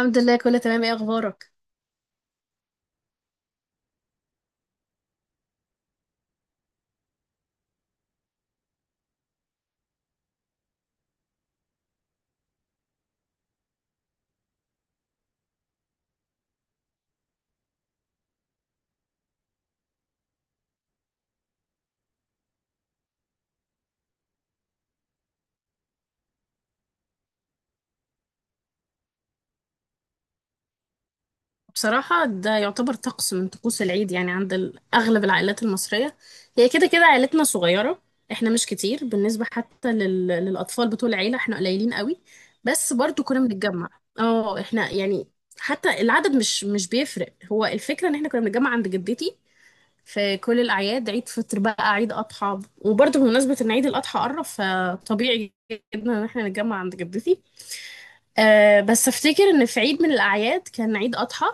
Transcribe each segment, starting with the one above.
الحمد لله، كله تمام. ايه اخبارك؟ بصراحة ده يعتبر طقس من طقوس العيد، يعني عند اغلب العائلات المصرية. هي كده كده عائلتنا صغيرة. احنا مش كتير بالنسبة حتى للاطفال بتوع العيلة، احنا قليلين قوي. بس برضو كنا بنتجمع. اه احنا يعني حتى العدد مش بيفرق. هو الفكرة ان احنا كنا بنتجمع عند جدتي في كل الاعياد، عيد فطر بقى، عيد اضحى. وبرضو بمناسبة ان عيد الاضحى قرب، فطبيعي جدا ان احنا نتجمع عند جدتي. بس افتكر ان في عيد من الاعياد كان عيد اضحى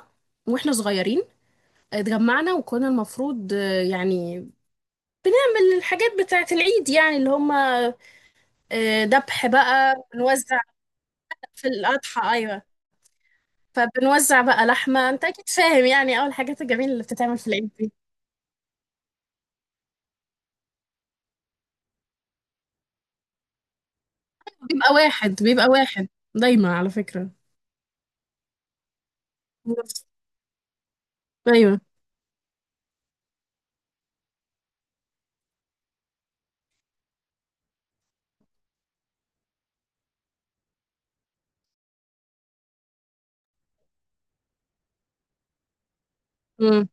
واحنا صغيرين، اتجمعنا وكنا المفروض يعني بنعمل الحاجات بتاعه العيد، يعني اللي هم ذبح بقى بنوزع في الاضحى. ايوه. فبنوزع بقى لحمه، انت اكيد فاهم يعني، اول الحاجات الجميله اللي بتتعمل في العيد دي. بيبقى واحد دايما، على فكره. ايوه. مم.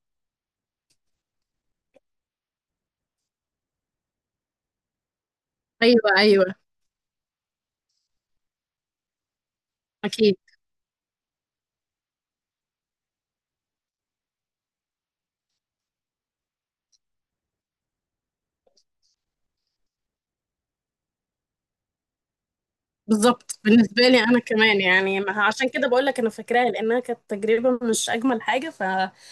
ايوه، ايوه، اكيد. بالظبط. بالنسبة لي أنا كمان يعني عشان كده بقول لك، أنا فاكراها لأنها كانت تجربة مش أجمل حاجة. فهي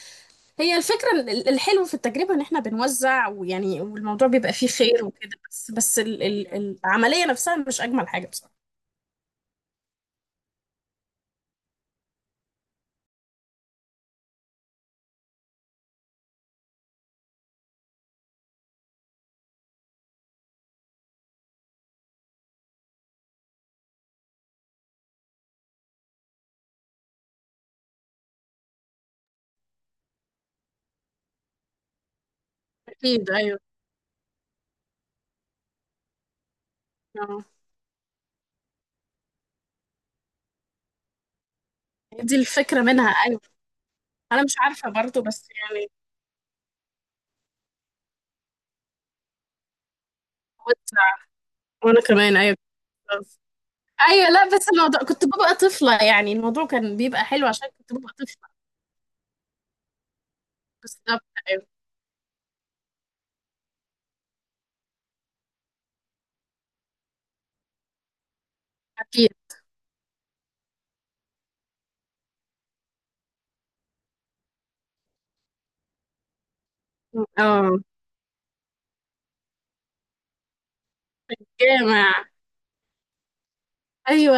الفكرة الحلو في التجربة إن إحنا بنوزع، ويعني والموضوع بيبقى فيه خير وكده. بس بس ال ال العملية نفسها مش أجمل حاجة بصراحة. أكيد، أيوه. آه. دي الفكرة منها، أيوه. أنا مش عارفة برضو، بس يعني بوزع. وأنا كمان، أيوه، بالظبط. أيوه، لا، بس الموضوع كنت ببقى طفلة، يعني الموضوع كان بيبقى حلو عشان كنت ببقى طفلة. بالظبط، أيوه، أكيد. اه. جامع. ايوه،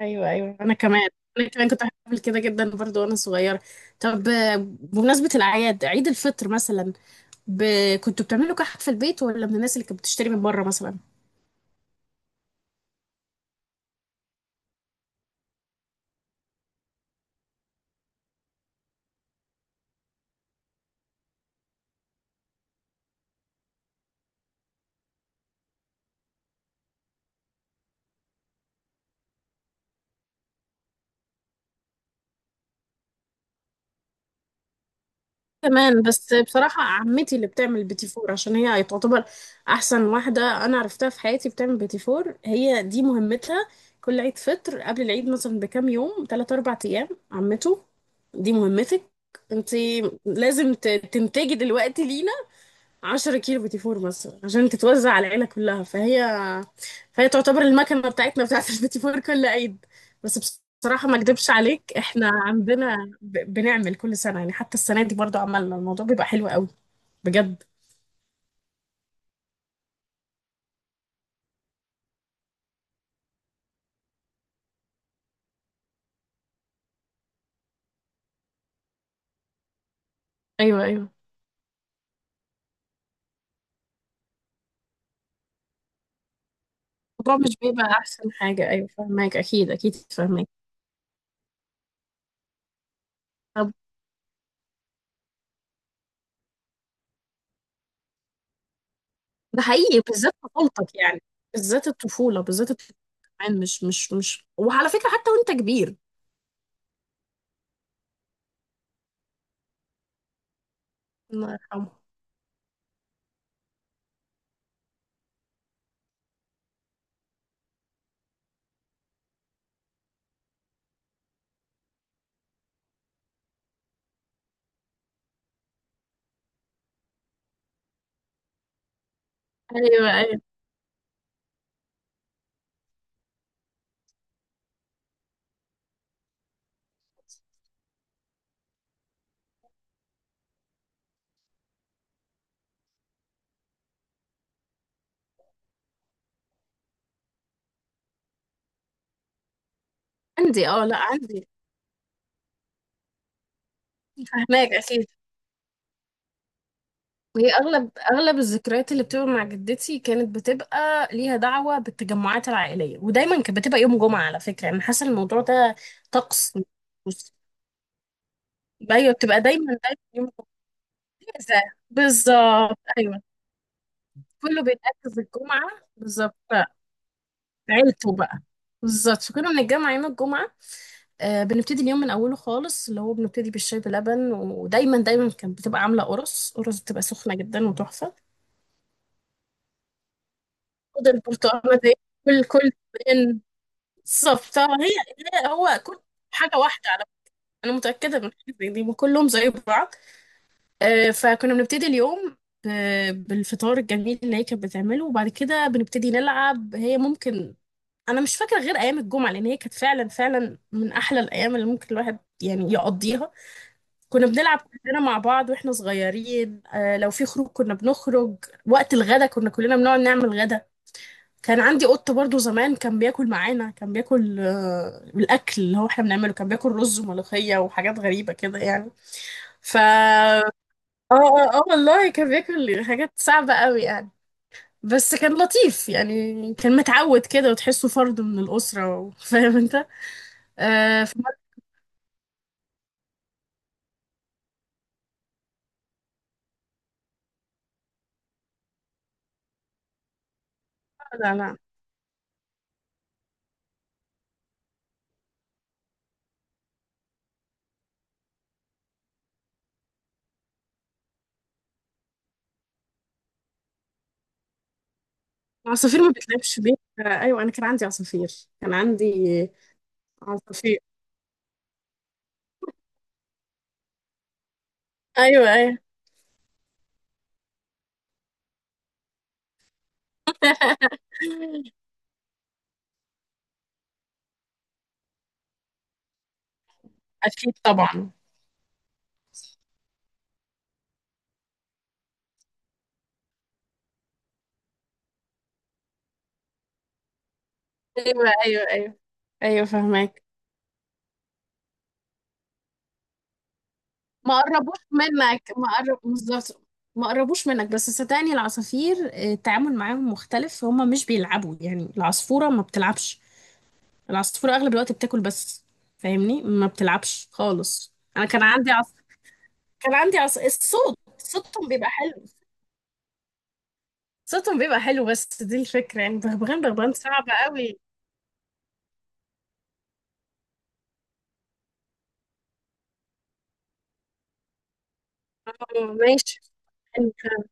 ايوه، ايوه، انا كمان. كنت بحب كده جدا برضو وانا صغيره. طب بمناسبه الاعياد، عيد الفطر مثلا، ب... كنتوا بتعملوا كحك في البيت، ولا من الناس اللي كانت بتشتري من بره مثلا؟ كمان، بس بصراحه عمتي اللي بتعمل بيتي فور، عشان هي تعتبر احسن واحده انا عرفتها في حياتي بتعمل بيتي فور. هي دي مهمتها. كل عيد فطر قبل العيد مثلا بكام يوم، 3 4 ايام، عمته دي مهمتك انت. لازم تنتجي دلوقتي لينا 10 كيلو بوتي فور مثلا، عشان تتوزع على العيلة كلها. فهي تعتبر المكنة بتاعتنا بتاعت البوتي فور كل عيد. بس بصراحة ما اكدبش عليك، احنا عندنا بنعمل كل سنة، يعني حتى السنة دي برضو عملنا. الموضوع بيبقى حلو قوي، بجد. ايوه، ايوه. الموضوع مش بيبقى احسن حاجة، ايوه فاهماك، اكيد اكيد فاهماك. ده حقيقي بالذات طفولتك يعني، بالذات الطفولة، بالذات الطفولة. كمان مش وعلى فكرة حتى وانت كبير. الله يرحمه. ايوه، ايوه. عندي. اه لا، عندي. فاهماك، اكيد. هي اغلب الذكريات اللي بتبقى مع جدتي كانت بتبقى ليها دعوة بالتجمعات العائلية، ودايما كانت بتبقى يوم جمعة. على فكرة، انا حاسة الموضوع ده طقس. بص، ايوه، بتبقى دايما دايما يوم جمعة، إجازة. بالظبط، ايوه. كله بيتأكد في الجمعة. بالظبط، عيلته بقى. بالظبط. فكنا بنتجمع يوم الجمعة. بنبتدي اليوم من اوله خالص، اللي هو بنبتدي بالشاي بلبن، ودايما دايما كانت بتبقى عاملة قرص قرص، بتبقى سخنة جدا وتحفة. خد البرتقالة دي. كل كل. بالظبط. هو كل حاجة واحدة على. أنا متأكدة من حاجة زي دي، وكلهم زي بعض. فكنا بنبتدي اليوم بالفطار الجميل اللي هي كانت بتعمله، وبعد كده بنبتدي نلعب. هي ممكن، أنا مش فاكرة غير أيام الجمعة، لأن هي كانت فعلا فعلا من أحلى الأيام اللي ممكن الواحد يعني يقضيها. كنا بنلعب كلنا مع بعض واحنا صغيرين. لو في خروج كنا بنخرج. وقت الغدا كنا كلنا بنقعد نعمل غدا. كان عندي قط برضو زمان كان بياكل معانا، كان بياكل الاكل اللي هو احنا بنعمله، كان بياكل رز وملوخيه وحاجات غريبه كده يعني. ف اه والله كان بياكل حاجات صعبه قوي يعني. بس كان لطيف يعني، كان متعود كده، وتحسه فرد من الاسره و- فاهم انت. في مره. لا لا، العصافير ما بتلعبش بيها. ايوه، انا كان عندي عصافير. كان عندي عصافير ايوه، ايوه. اكيد طبعا. ايوه، ايوه، ايوه، ايوه فهمك. ما قربوش منك، ما قرب بالظبط، ما قربوش منك. بس صدقني العصافير التعامل معاهم مختلف. هما مش بيلعبوا يعني، العصفورة ما بتلعبش. العصفورة أغلب الوقت بتاكل بس، فاهمني ما بتلعبش خالص. أنا كان عندي عص... كان عندي عص... الصوت صوتهم بيبقى حلو. بس دي الفكرة. يعني بغبغان، بغبغان صعب قوي. ماشي، حلو فعلا.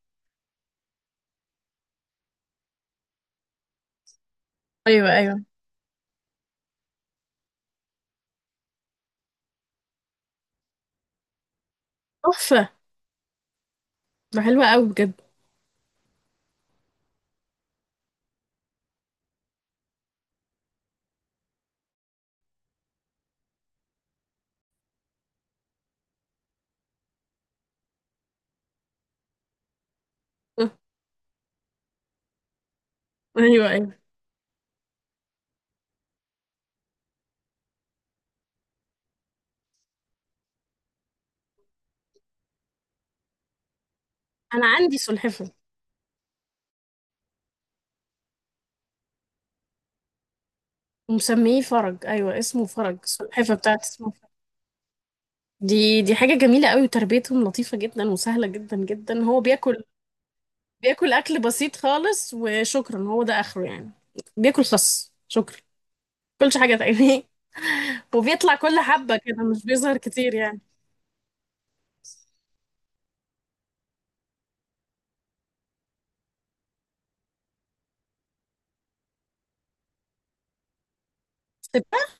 أيوه، أيوه، تحفة، ده حلوة قوي بجد. آه، أيوه، أيوه. أنا عندي سلحفة ومسميه فرج. ايوه، اسمه فرج. السلحفه بتاعت اسمه فرج. دي حاجه جميله قوي، وتربيتهم لطيفه جدا، وسهله جدا جدا. هو بياكل، اكل بسيط خالص وشكرا، هو ده اخره يعني. بياكل خس، شكرا. كلش حاجه تانية. وبيطلع كل حبه كده، مش بيظهر كتير يعني. سبتة.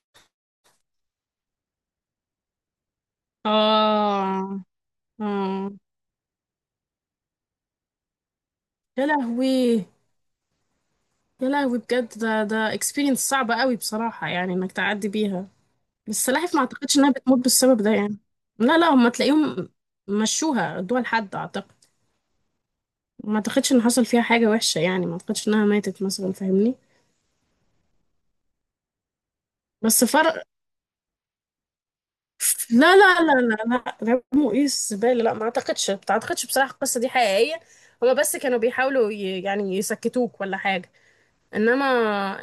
اه اه يا لهوي. يا لهوي بجد، ده اكسبيرينس صعبه قوي بصراحه، يعني انك تعدي بيها. بس سلاحف ما اعتقدش انها بتموت بالسبب ده يعني. لا لا، هم تلاقيهم مشوها، ادوها لحد اعتقد. ما اعتقدش ان حصل فيها حاجة وحشة يعني، ما اعتقدش انها ماتت مثلا، فاهمني. بس فرق. لا لا لا لا لا، رموا ايه الزبالة؟ لا، ما اعتقدش، بصراحة القصة دي حقيقية. هما بس كانوا بيحاولوا يعني يسكتوك ولا حاجة. انما،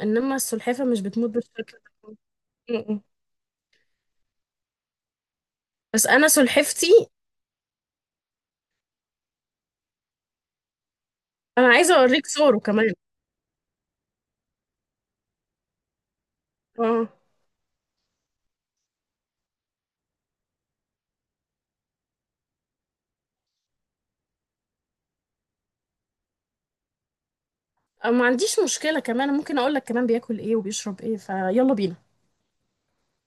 السلحفة مش بتموت بالشكل ده. م- م. بس انا سلحفتي. انا عايزة اوريك صوره كمان. اه أو ما عنديش مشكلة، كمان ممكن اقول لك كمان بياكل ايه وبيشرب ايه. فيلا بينا.